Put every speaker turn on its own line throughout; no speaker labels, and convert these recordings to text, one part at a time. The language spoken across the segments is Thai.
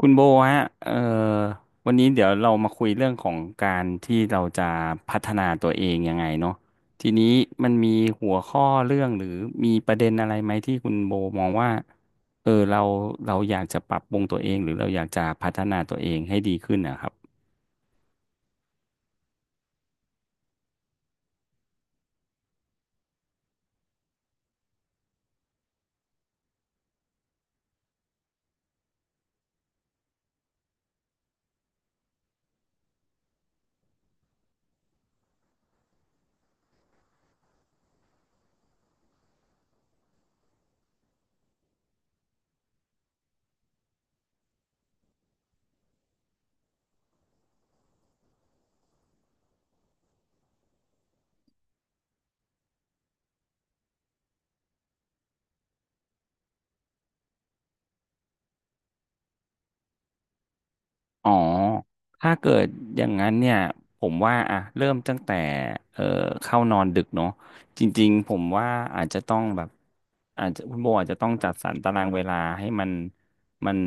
คุณโบฮะวันนี้เดี๋ยวเรามาคุยเรื่องของการที่เราจะพัฒนาตัวเองยังไงเนาะทีนี้มันมีหัวข้อเรื่องหรือมีประเด็นอะไรไหมที่คุณโบมองว่าเออเราเราอยากจะปรับปรุงตัวเองหรือเราอยากจะพัฒนาตัวเองให้ดีขึ้นนะครับ อ๋อ ถ้าเกิดอย่างนั้นเนี่ยผมว่าอ่ะเริ่มตั้งแต่เอ่อเข้านอนดึกเนาะจริงๆผมว่าอาจจะต้องแบบอาจจะคุณโบอาจจะต้องจัดสรรตารางเวลาให้มัน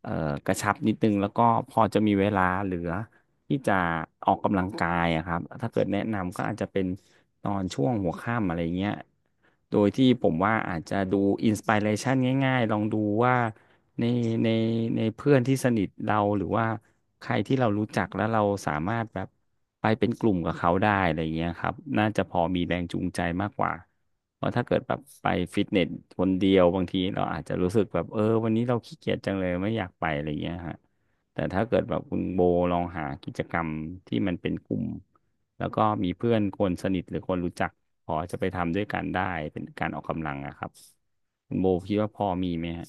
เอ่อกระชับนิดนึงแล้วก็พอจะมีเวลาเหลือ ที่จะออกกำลังกายอะครับ ถ้าเกิดแนะนำก็อาจจะเป็นตอนช่วงหัวค่ำอะไรเงี้ย โดยที่ผมว่าอาจจะดูอินส i r เรชันง่ายๆ ลองดูว่าในในในเพื่อนที่สนิทเราหรือว่าใครที่เรารู้จักแล้วเราสามารถแบบไปเป็นกลุ่มกับเขาได้อะไรเงี้ยครับน่าจะพอมีแรงจูงใจมากกว่าเพราะถ้าเกิดแบบไปฟิตเนสคนเดียวบางทีเราอาจจะรู้สึกแบบเออวันนี้เราขี้เกียจจังเลยไม่อยากไปอะไรเงี้ยฮะ แต่ถ้าเกิดแบบคุณโบลองหากิจกรรมที่มันเป็นกลุ่มแล้วก็มีเพื่อนคนสนิทหรือคนรู้จักพอจะไปทำด้วยกันได้เป็นการออกกำลังอะครับคุณโบคิดว่าพอมีไหมฮะ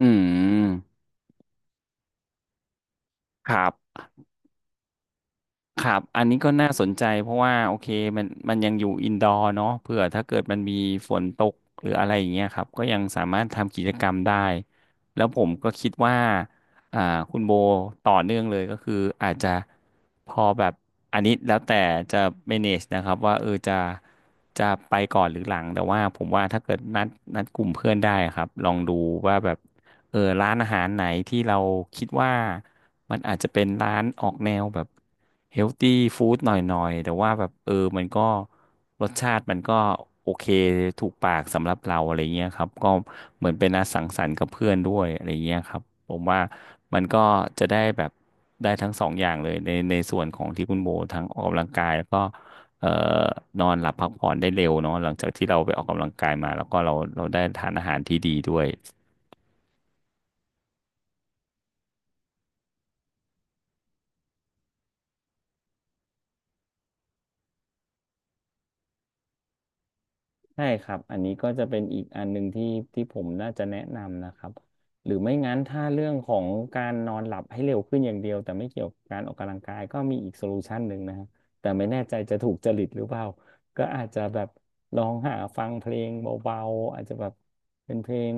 อืมครับ ครับ อันนี้ก็น่าสนใจเพราะว่าโอเคมันยังอยู่อินดอร์เนาะเผื่อถ้าเกิดมันมีฝนตกหรืออะไรอย่างเงี้ยครับก็ยังสามารถทำกิจกรรมได้แล้วผมก็คิดว่าอ่าคุณโบต่อเนื่องเลยก็คืออาจจะพอแบบอันนี้แล้วแต่จะ manage นะครับว่าเออจะไปก่อนหรือหลังแต่ว่าผมว่าถ้าเกิดนัดกลุ่มเพื่อนได้ครับลองดูว่าแบบ เออร้านอาหารไหนที่เราคิดว่ามันอาจจะเป็นร้านออกแนวแบบเฮลตี้ฟู้ดหน่อยๆแต่ว่าแบบเออมันก็รสชาติมันก็โอเคถูกปากสำหรับเราอะไรเงี้ยครับก็เหมือนเป็นนัดสังสรรค์กับเพื่อนด้วยอะไรเงี้ยครับผมว่ามันก็จะได้แบบได้ทั้งสองอย่างเลยในส่วนของที่คุณโบทั้งออกกำลังกายแล้วก็เอ่อนอนหลับพักผ่อนได้เร็วเนาะหลังจากที่เราไปออกกำลังกายมาแล้วก็เราได้ทานอาหารที่ดีด้วย ใช่ครับ อันนี้ก็จะเป็นอีกอันหนึ่งที่ผมน่าจะแนะนำนะครับหรือไม่งั้นถ้าเรื่องของการนอนหลับให้เร็วขึ้นอย่างเดียวแต่ไม่เกี่ยวกับการออกกำลังกายก็มีอีกโซลูชันหนึ่งนะฮะแต่ไม่แน่ใจจะถูกจริตหรือเปล่า ก็อาจจะแบบลองหาฟังเพลงเบาๆอาจจะแบบเป็นเพลง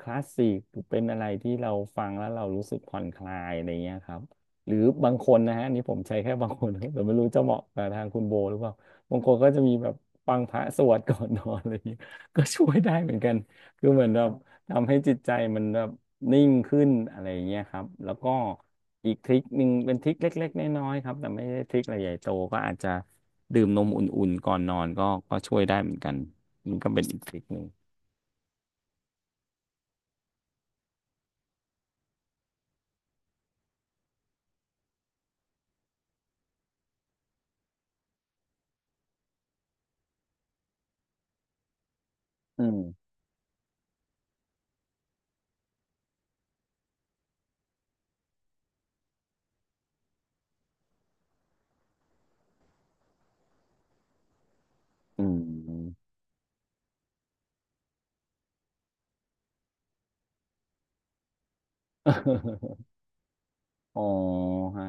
คลาสสิกหรือเป็นอะไรที่เราฟังแล้วเรารู้สึกผ่อนคลายอะไรเงี้ยครับหรือบางคนนะฮะอันนี่ผมใช้แค่บางคนนะแต่ไม่รู้จะเหมาะกับทางคุณโบหรือเปล่า บางคนก็จะมีแบบฟังพระสวดก่อนนอน อะไรอย่างเงี้ยก็ช่วยได้เหมือนกันคือเหมือนแบบทำให้จิตใจมันแบบนิ่งขึ้นอะไรอย่างเงี้ยครับแล้วก็อีกทริคหนึ่งเป็นทริคเล็กๆน้อยๆครับแต่ไม่ได้ทริคอะไรใหญ่โตก็อาจจะดื่มนมอุ่นๆก่อนนอนก็ช่วยได้เหมือนกันนี่ก็เป็นอีกทริคหนึ่งอืมอืม อ๋อฮะ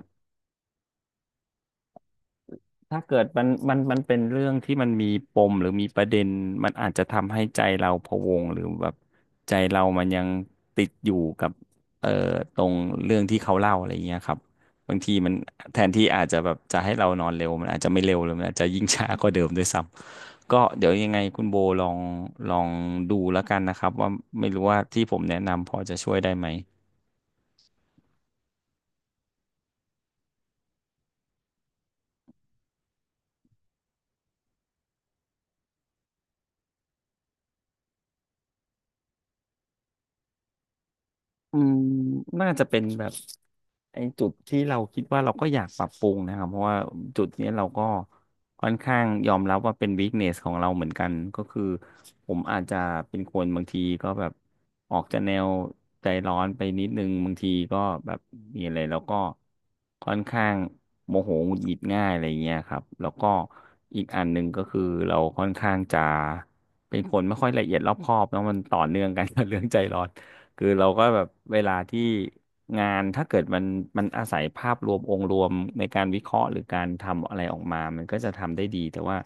ถ้าเกิดมันเป็นเรื่องที่มันมีปมหรือมีประเด็นมันอาจจะทำให้ใจเราพะวงหรือแบบใจเรามันยังติดอยู่กับเอ่อตรงเรื่องที่เขาเล่าอะไรอย่างเงี้ยครับบางทีมันแทนที่อาจจะแบบจะให้เรานอนเร็วมันอาจจะไม่เร็วเลยมันอาจจะยิ่งช้ากว่าเดิมด้วยซ้ำก็เดี๋ยวยังไงคุณโบลองดูแล้วกันนะครับว่าไม่รู้ว่าที่ผมแนะนำพอจะช่วยได้ไหม อืมน่าจะเป็นแบบไอ้จุดที่เราคิดว่าเราก็อยากปรับปรุงนะครับเพราะว่าจุดเนี้ยเราก็ค่อนข้างยอมรับว่าเป็นวีคเนสของเราเหมือนกันก็คือผมอาจจะเป็นคนบางทีก็แบบออกจะแนวใจร้อนไปนิดนึงบางทีก็แบบมีอะไรแล้วก็ค่อนข้างโมโหหงุดหงิดง่ายอะไรเงี้ยครับแล้วก็อีกอันหนึ่งก็คือเราค่อนข้างจะเป็นคนไม่ค่อยละเอียดรอบคอบแล้วมันต่อเนื่องกันกับเรื่องใจร้อน คือเราก็แบบเวลาที่งานถ้าเกิดมันอาศัยภาพรวมองค์รวมในการวิเคราะห์หรือการทำอะไรออกมามันก็จะทำได้ดีแต่ว่า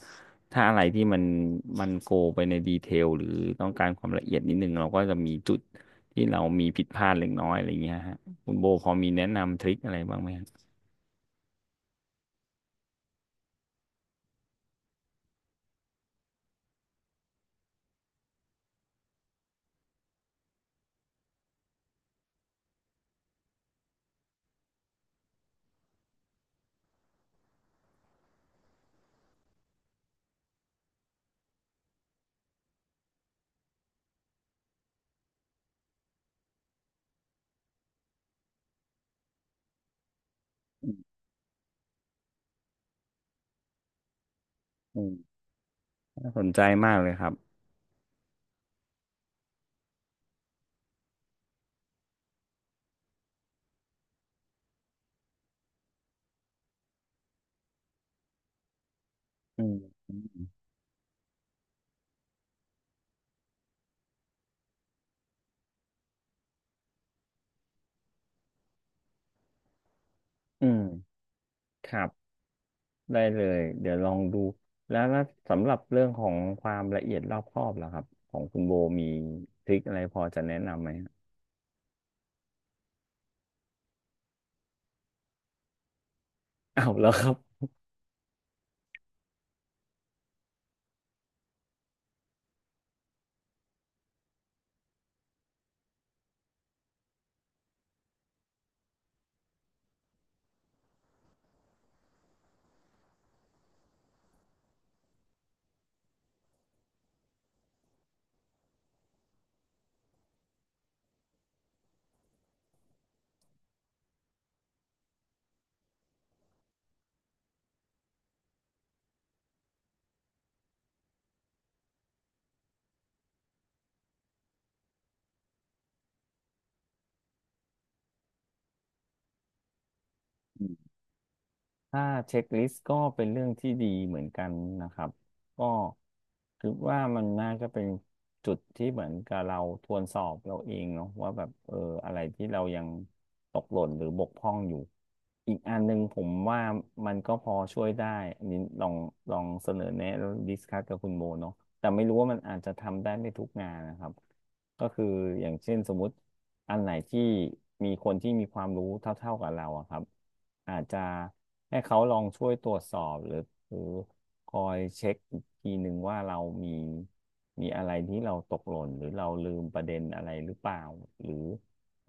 ถ้าอะไรที่มันโกไปในดีเทลหรือต้องการความละเอียดนิดนึงเราก็จะมีจุดที่เรามีผิดพลาดเล็กน้อยอะไรอย่างเงี้ยฮะคุณโบพอมีแนะนำทริคอะไรบ้างไหมฮะอืมอืมน่าสนใจมากเลยครับอืมอืมอืมครับ ได้เลยเดี๋ยวลองดูแล้วสำหรับเรื่องของความละเอียดรอบคอบล่ะครับของคุณโบมีทริคอะไรพอจะแนะนำไหมอ้าวแล้วครับ ถ้าเช็คลิสต์ก็เป็นเรื่องที่ดีเหมือนกันนะครับก็คิดว่ามันน่าจะเป็นจุดที่เหมือนกับเราทวนสอบเราเองเนาะว่าแบบเอออะไรที่เรายังตกหล่นหรือบกพร่องอยู่อีกอันหนึ่งผมว่ามันก็พอช่วยได้อันนี้ลองเสนอแนะแล้วดิสคัสกับคุณโมเนาะแต่ไม่รู้ว่ามันอาจจะทำได้ไม่ทุกงานนะครับก็คืออย่างเช่นสมมติ อันไหนที่มีคนที่มีความรู้เท่าๆกับเราอะครับอาจจะให้เขาลองช่วยตรวจสอบหรือคอยเช็คอีกทีหนึ่งว่าเรามีมีอะไรที่เราตกหล่นหรือเราลืมประเด็นอะไรหรือเปล่าหรือ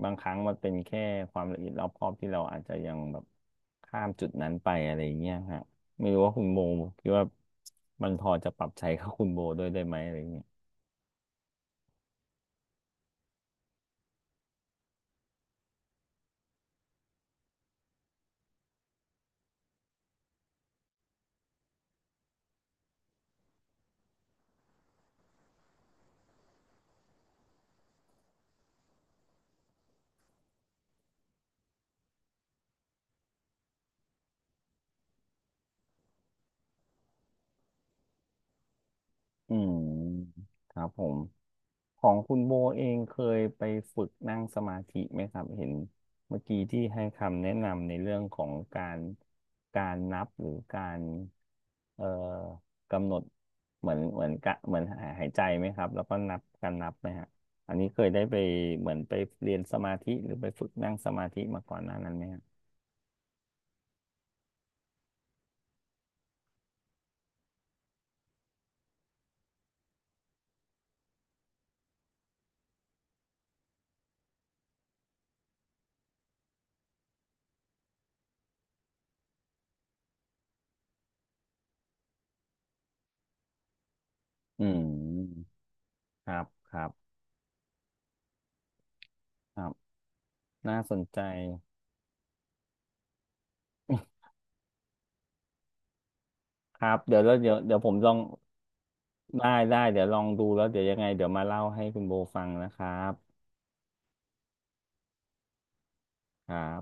บางครั้งมันเป็นแค่ความละเอียดรอบคอบที่เราอาจจะยังแบบข้ามจุดนั้นไปอะไรอย่างเงี้ยฮะไม่รู้ว่าคุณโบคิดว่ามันพอจะปรับใช้กับคุณโบด้วยได้ไหมอะไรอย่างเงี้ย อืมครับผมของคุณโบเองเคยไปฝึกนั่งสมาธิไหมครับเห็นเมื่อกี้ที่ให้คำแนะนำในเรื่องของการการนับหรือการเอ่อกำหนดเหมือนเหมือนกะเหมือนหายหายใจไหมครับแล้วก็นับการนับไหมฮะอันนี้เคยได้ไปเหมือนไปเรียนสมาธิหรือไปฝึกนั่งสมาธิมาก่อนหน้านั้นไหมฮะอืมครับครับครับน่าสนใจครับเดี๋ยวแล้วเดี๋ยวเดี๋ยวผมลอง ได้ได้เดี๋ยวลองดูแล้วเดี๋ยวยังไงเดี๋ยวมาเล่าให้คุณโบฟังนะครับครับ